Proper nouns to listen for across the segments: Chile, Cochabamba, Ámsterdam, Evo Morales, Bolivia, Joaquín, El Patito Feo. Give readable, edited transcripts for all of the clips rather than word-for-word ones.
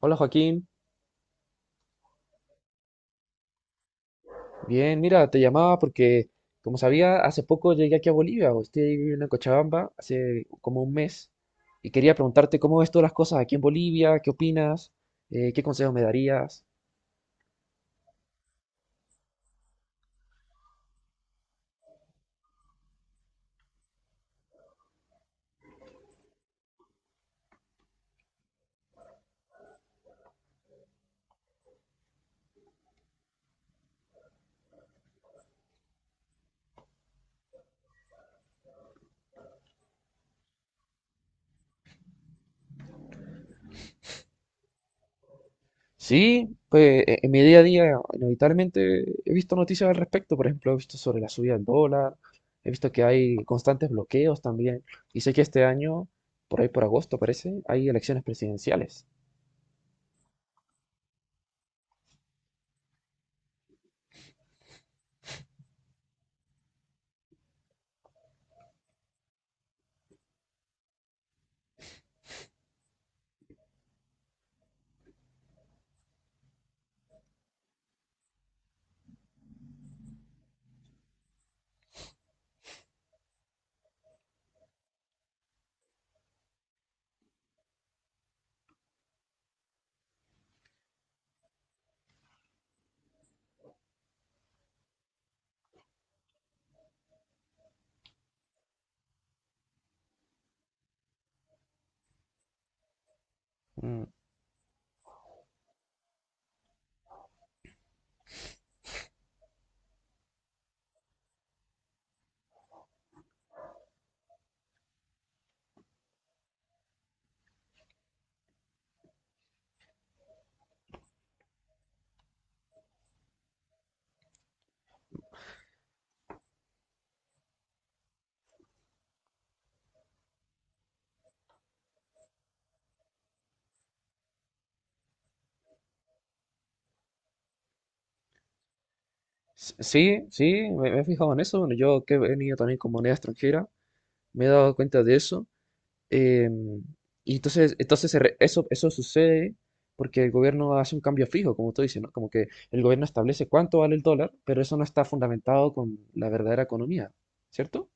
Hola Joaquín. Bien, mira, te llamaba porque, como sabía, hace poco llegué aquí a Bolivia, o estoy viviendo en Cochabamba hace como un mes, y quería preguntarte cómo ves todas las cosas aquí en Bolivia, qué opinas, qué consejos me darías. Sí, pues en mi día a día inevitablemente he visto noticias al respecto, por ejemplo, he visto sobre la subida del dólar, he visto que hay constantes bloqueos también, y sé que este año, por ahí por agosto parece, hay elecciones presidenciales. Sí, sí, me he fijado en eso. Bueno, yo que he venido también con moneda extranjera, me he dado cuenta de eso. em, y entonces eso sucede porque el gobierno hace un cambio fijo, como tú dices, ¿no? Como que el gobierno establece cuánto vale el dólar, pero eso no está fundamentado con la verdadera economía, ¿cierto?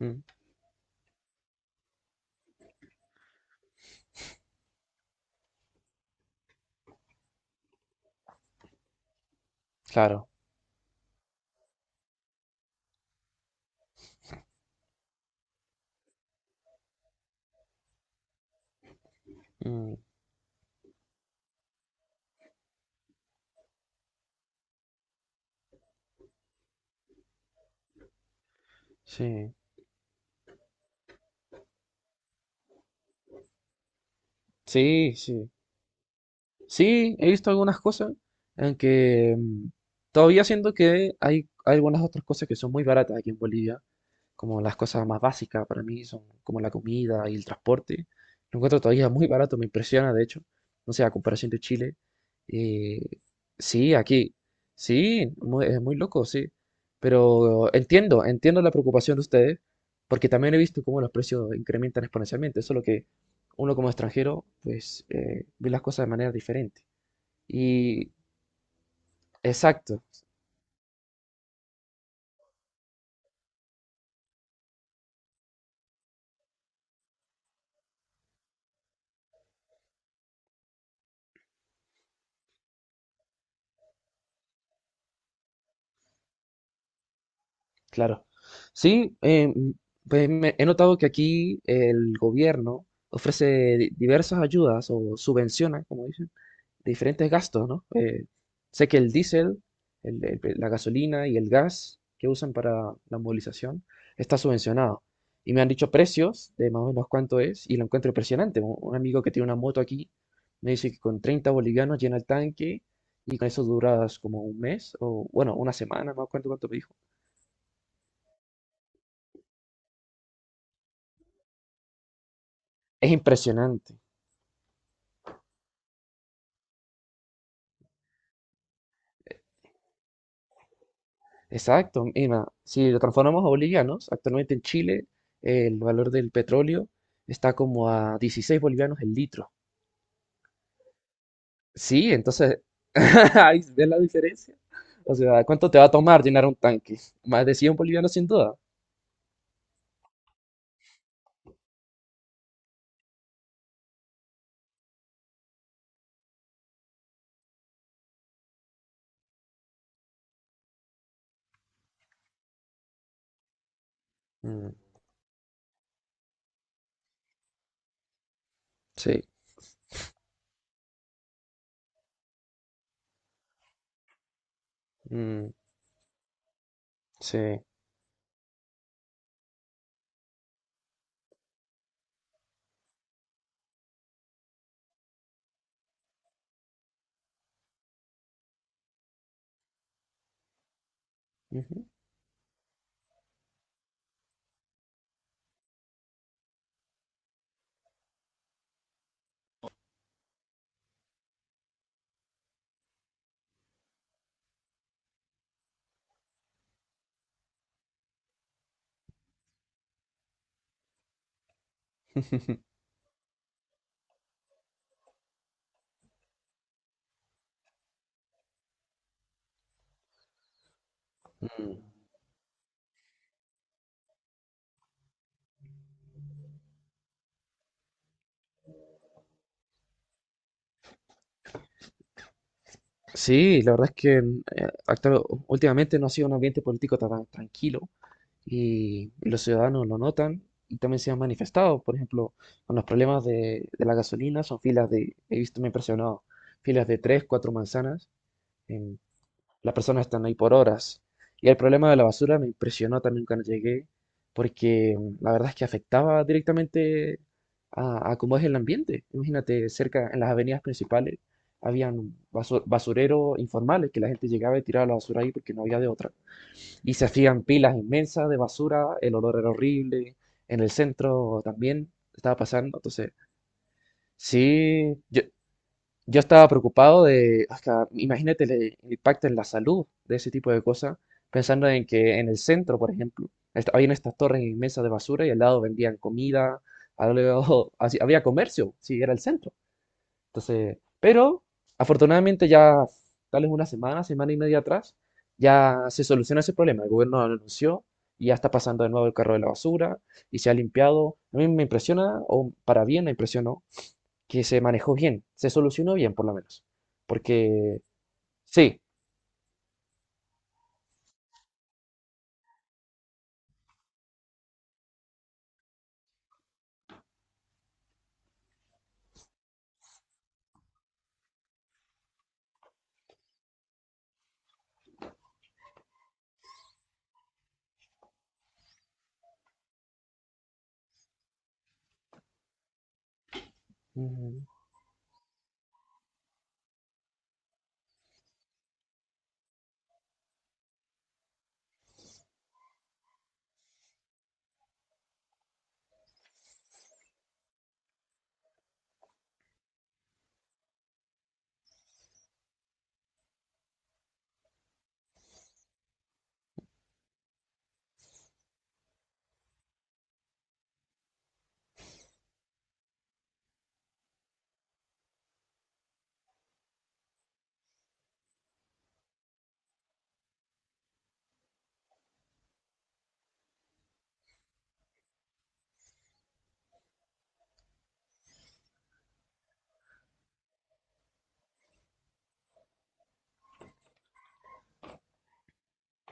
Mm, claro. Mm, sí, sí, sí. Sí, he visto algunas cosas, aunque todavía siento que hay algunas otras cosas que son muy baratas aquí en Bolivia, como las cosas más básicas para mí son como la comida y el transporte. Lo encuentro todavía muy barato, me impresiona de hecho. No sé, a comparación de Chile. eh, sí, aquí. Sí, es muy loco, sí. Pero entiendo la preocupación de ustedes, porque también he visto cómo los precios incrementan exponencialmente. Solo que uno como extranjero, pues, ve las cosas de manera diferente. Y exacto, claro. Sí, pues he notado que aquí el gobierno ofrece diversas ayudas o subvenciona, como dicen, diferentes gastos, ¿no? Sé que el diésel, la gasolina y el gas que usan para la movilización está subvencionado. Y me han dicho precios de más o menos cuánto es y lo encuentro impresionante. Un amigo que tiene una moto aquí me dice que con 30 bolivianos llena el tanque y con eso duras como un mes o, bueno, una semana, no me acuerdo cuánto me dijo. Es impresionante. Exacto. Mira, si lo transformamos a bolivianos, actualmente en Chile el valor del petróleo está como a 16 bolivianos el litro. Sí, entonces, ahí, ¿ves la diferencia? O sea, ¿cuánto te va a tomar llenar un tanque? Más de 100 bolivianos sin duda. Mm, sí, mm, sí. Ujú. Mm. Sí, la verdad es que últimamente no ha sido un ambiente político tan tranquilo. Y los ciudadanos lo notan y también se han manifestado, por ejemplo, con los problemas de la gasolina. Son filas de, he visto, me ha impresionado, filas de tres, cuatro manzanas, em, las personas están ahí por horas. Y el problema de la basura me impresionó también cuando llegué, porque la verdad es que afectaba directamente a cómo es el ambiente. Imagínate, cerca, en las avenidas principales, habían basureros informales que la gente llegaba y tiraba la basura ahí porque no había de otra. Y se hacían pilas inmensas de basura, el olor era horrible, en el centro también estaba pasando. Entonces, sí, yo estaba preocupado de, hasta, imagínate el impacto en la salud de ese tipo de cosas, pensando en que en el centro, por ejemplo, habían estas torres inmensas de basura y al lado vendían comida, al lado, así, había comercio, sí, era el centro. Entonces, pero afortunadamente ya, tal vez una semana, semana y media atrás, ya se solucionó ese problema. El gobierno lo anunció y ya está pasando de nuevo el carro de la basura y se ha limpiado. A mí me impresiona, o para bien me impresionó, que se manejó bien, se solucionó bien por lo menos. Porque sí. Ujú.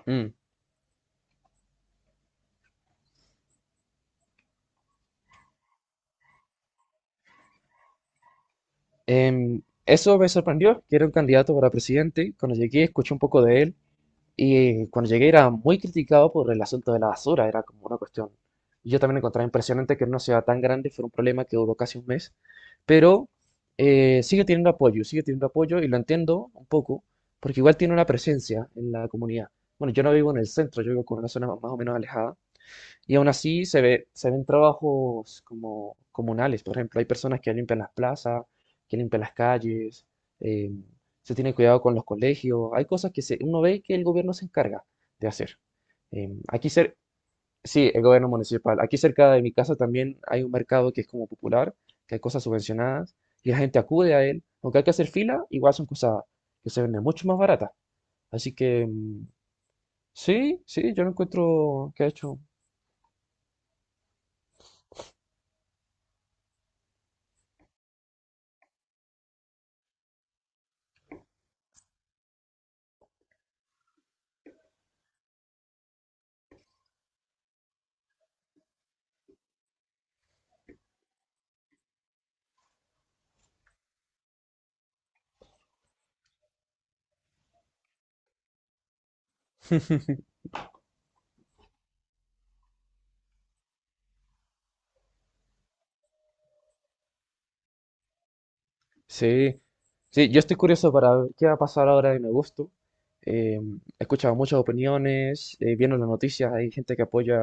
mm, eso me sorprendió, que era un candidato para presidente. Cuando llegué escuché un poco de él. Y cuando llegué era muy criticado por el asunto de la basura, era como una cuestión. Y yo también encontraba impresionante que en una ciudad tan grande fuera un problema que duró casi un mes, pero sigue teniendo apoyo y lo entiendo un poco, porque igual tiene una presencia en la comunidad. Bueno, yo no vivo en el centro, yo vivo con una zona más o menos alejada, y aún así se ve, se ven trabajos como comunales. Por ejemplo, hay personas que limpian las plazas, que limpian las calles, eh, se tiene cuidado con los colegios. Hay cosas que se, uno ve que el gobierno se encarga de hacer. Aquí sí, el gobierno municipal. Aquí cerca de mi casa también hay un mercado que es como popular, que hay cosas subvencionadas y la gente acude a él. Aunque hay que hacer fila, igual son cosas que se venden mucho más baratas. Así que sí, sí, yo lo encuentro que ha hecho. Sí, sí, yo estoy curioso para ver qué va a pasar ahora en agosto. Eh, He escuchado muchas opiniones, viendo las noticias, hay gente que apoya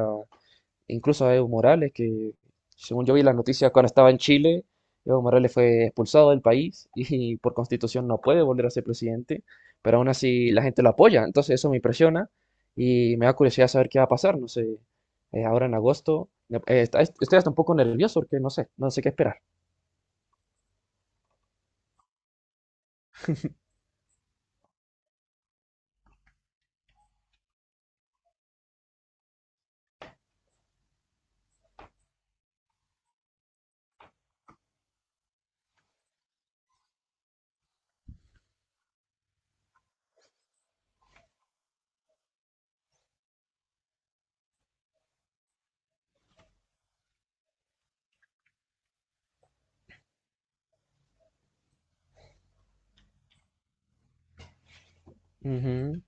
incluso a Evo Morales, que según yo vi las noticias cuando estaba en Chile, Evo Morales fue expulsado del país y por constitución no puede volver a ser presidente, pero aún así la gente lo apoya, entonces eso me impresiona y me da curiosidad saber qué va a pasar, no sé, ahora en agosto, estoy hasta un poco nervioso porque no sé, no sé qué esperar. Ujú,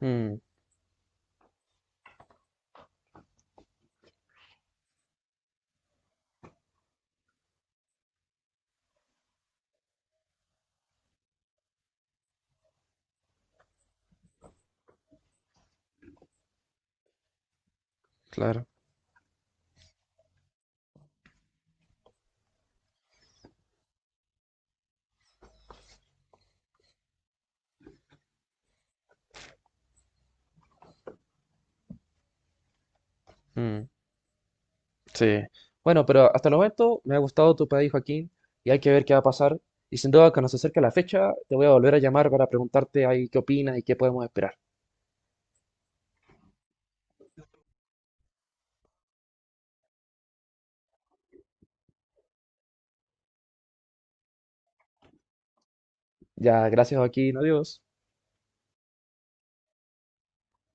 mm, claro. Mm, sí. Bueno, pero hasta el momento me ha gustado tu país, Joaquín, y hay que ver qué va a pasar. Y sin duda, cuando se acerque la fecha, te voy a volver a llamar para preguntarte ahí qué opinas y qué podemos esperar. Ya, gracias, Joaquín. Adiós.